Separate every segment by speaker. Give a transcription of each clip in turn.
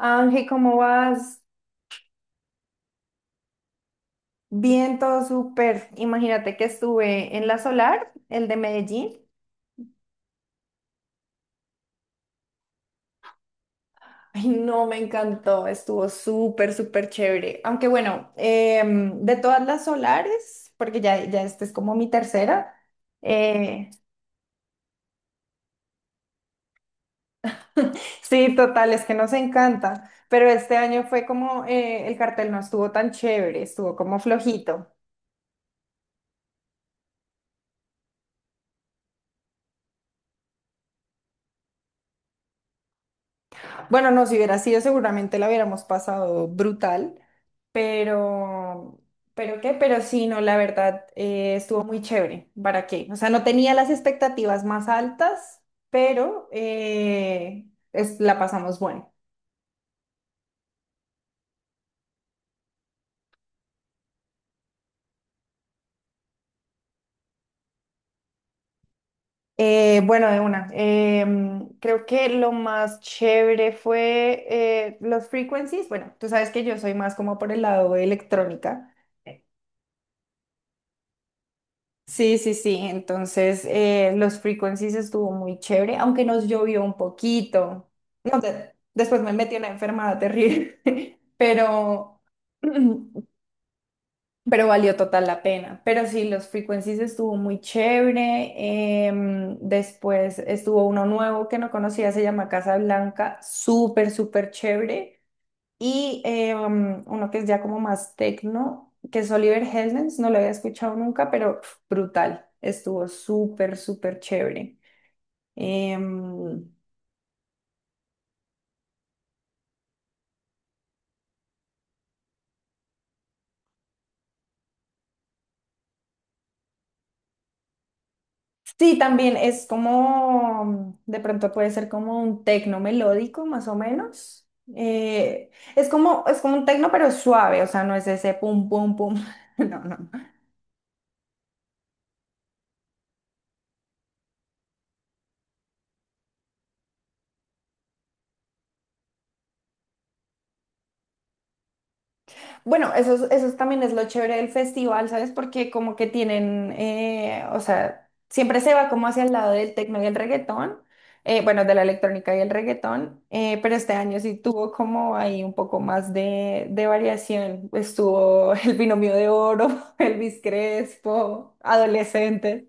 Speaker 1: Ángel, ¿cómo vas? Bien, todo súper. Imagínate que estuve en la Solar, el de Medellín. Ay, no, me encantó, estuvo súper, súper chévere. Aunque bueno, de todas las solares, porque ya esta es como mi tercera. eh, sí, total, es que nos encanta. Pero este año fue como el cartel no estuvo tan chévere, estuvo como flojito. Bueno, no, si hubiera sido, seguramente la hubiéramos pasado brutal. Pero, pero sí, no, la verdad, estuvo muy chévere. ¿Para qué? O sea, no tenía las expectativas más altas, pero la pasamos bueno. Bueno, de una. Creo que lo más chévere fue los frequencies. Bueno, tú sabes que yo soy más como por el lado de electrónica. Sí, sí, sí. Entonces, los frequencies estuvo muy chévere, aunque nos llovió un poquito. No, después me metí una enfermada terrible, pero, pero valió total la pena. Pero sí, los frequencies estuvo muy chévere. Después estuvo uno nuevo que no conocía, se llama Casa Blanca, súper, súper chévere y uno que es ya como más tecno, que es Oliver Heldens, no lo había escuchado nunca, pero pf, brutal, estuvo súper, súper chévere. Em, sí, también es como, de pronto puede ser como un tecno melódico, más o menos. Eh, es como, es como un tecno, pero suave, o sea, no es ese pum, pum, pum, no, no. Bueno, también es lo chévere del festival, ¿sabes? Porque como que tienen, o sea, siempre se va como hacia el lado del tecno y el reggaetón, bueno, de la electrónica y el reggaetón, pero este año sí tuvo como ahí un poco más de variación. Estuvo el binomio de oro, Elvis Crespo, adolescentes.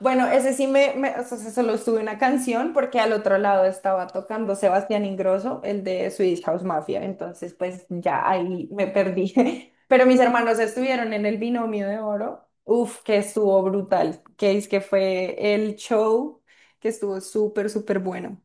Speaker 1: Bueno, ese sí o sea, se solo estuve una canción porque al otro lado estaba tocando Sebastián Ingrosso, el de Swedish House Mafia, entonces pues ya ahí me perdí. Pero mis hermanos estuvieron en el Binomio de Oro, uf, que estuvo brutal, que es que fue el show que estuvo súper, súper bueno.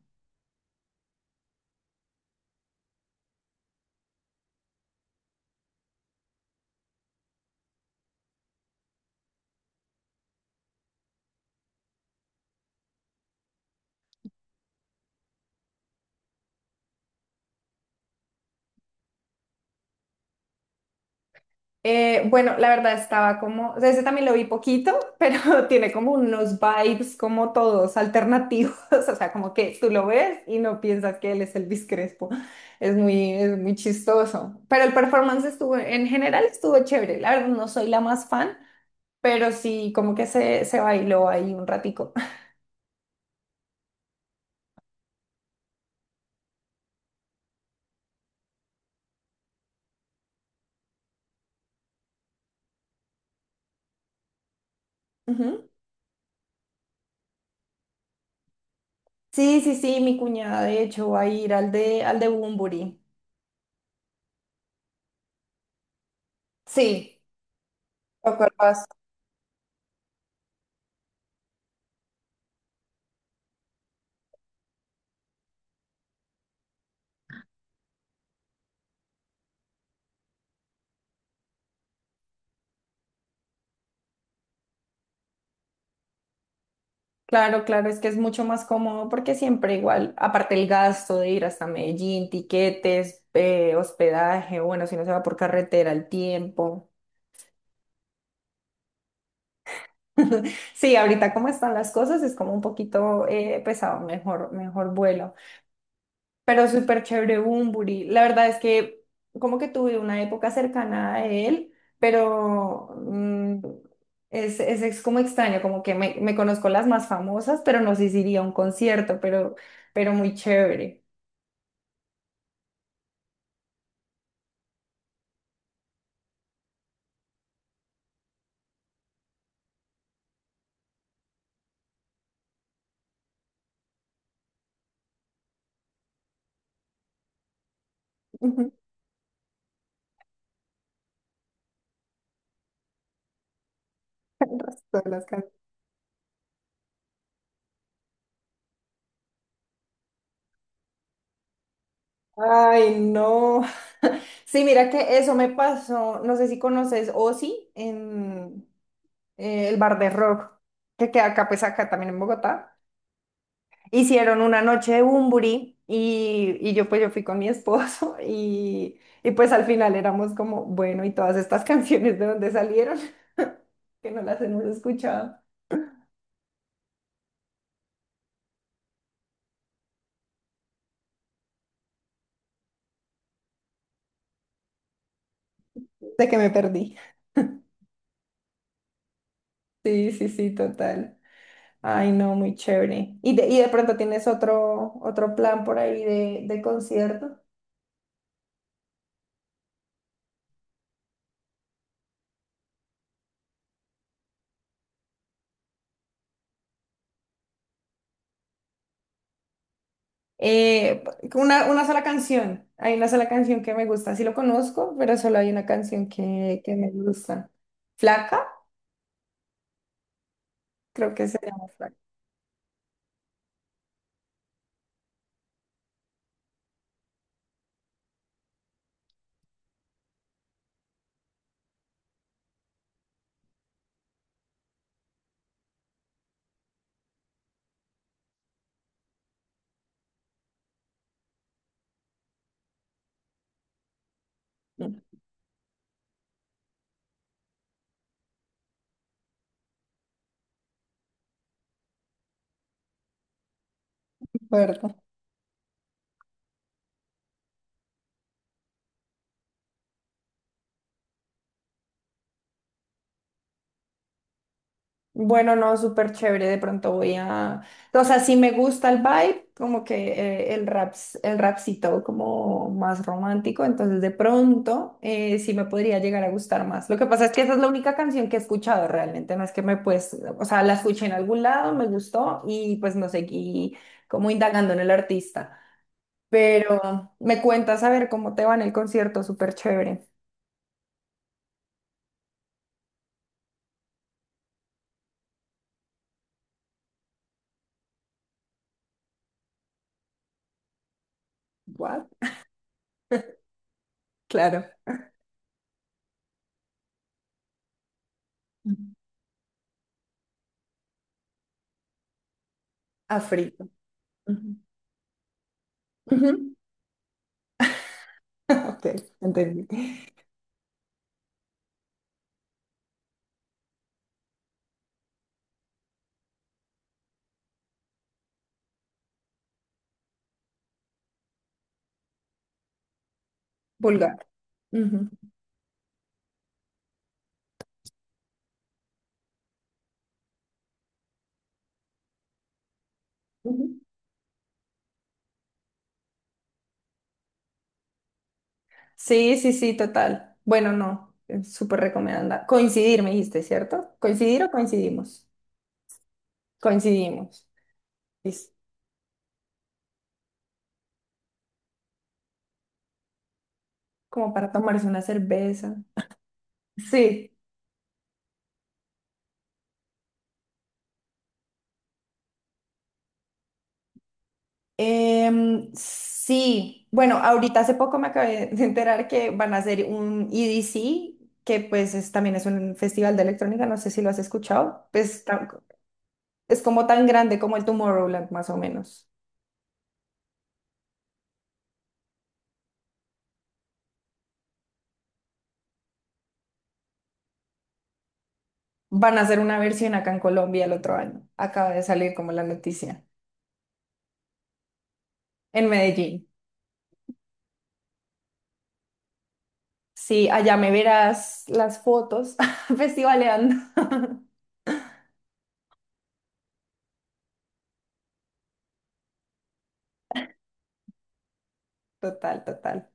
Speaker 1: Bueno, la verdad estaba como, o sea, ese también lo vi poquito, pero tiene como unos vibes como todos alternativos, o sea, como que tú lo ves y no piensas que él es Elvis Crespo. Es muy chistoso. Pero el performance estuvo, en general estuvo chévere. La verdad no soy la más fan, pero sí como que se bailó ahí un ratico. Ujú. Sí, sí, sí, mi cuñada de hecho va a ir al de Bunbury. Sí, ¿te acuerdas? Claro, claro, es que es mucho más cómodo porque siempre igual, aparte el gasto de ir hasta Medellín, tiquetes, hospedaje, bueno, si no se va por carretera, el tiempo. Sí, ahorita como están las cosas es como un poquito pesado, mejor, mejor vuelo, pero súper chévere Bumburi. La verdad es que como que tuve una época cercana a él, pero mm, es como extraño, como que me conozco las más famosas, pero no sé si iría a un concierto, pero muy chévere. Ujú. El resto de las can- Ay, no. Sí, mira que eso me pasó, no sé si conoces Ozzy en... el bar de rock que queda acá, pues acá también en Bogotá. Hicieron una noche de Bumburi y yo pues yo fui con mi esposo y pues al final éramos como, bueno, ¿y todas estas canciones de dónde salieron? Que no las hemos escuchado. De que me perdí. Sí, sí, sí, total. Ay, no, muy chévere. ¿Y y de pronto tienes otro, otro plan por ahí de concierto? Eh, una sola canción. Hay una sola canción que me gusta. Sí lo conozco, pero solo hay una canción que me gusta. Flaca, creo que se llama Flaca. No me acuerdo. Bueno, no, súper chévere. De pronto voy a. O sea, sí me gusta el vibe, como que el rap, el rapcito como más romántico. Entonces, de pronto sí me podría llegar a gustar más. Lo que pasa es que esa es la única canción que he escuchado realmente. No es que me pues. O sea, la escuché en algún lado, me gustó y pues no seguí como indagando en el artista. Pero me cuentas a ver cómo te va en el concierto, súper chévere. What? Claro. Ujú. A frito. Ujú. Ujú. Ok, entendí. Vulgar. Ujú. Ujú. Sí, sí, sí, total. Bueno, no, es súper recomendada. Coincidir, me dijiste, ¿cierto? ¿Coincidir o coincidimos? Coincidimos. Es como para tomarse una cerveza. Sí. Sí. Bueno, ahorita hace poco me acabé de enterar que van a hacer un EDC, que pues también es un festival de electrónica, no sé si lo has escuchado. Es como tan grande como el Tomorrowland, más o menos. Van a hacer una versión acá en Colombia el otro año. Acaba de salir como la noticia. En Medellín. Sí, allá me verás las fotos festivaleando. Total, total,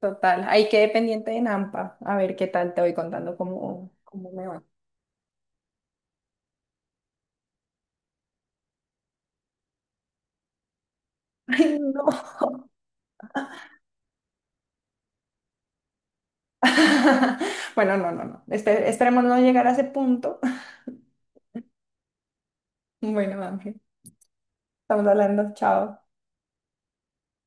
Speaker 1: total. Ahí quedé pendiente de Nampa. A ver qué tal te voy contando cómo, cómo me va. Ay, no. Bueno, no, no, no. Esperemos no llegar a ese punto. Bueno, Ángel, estamos hablando. Chao.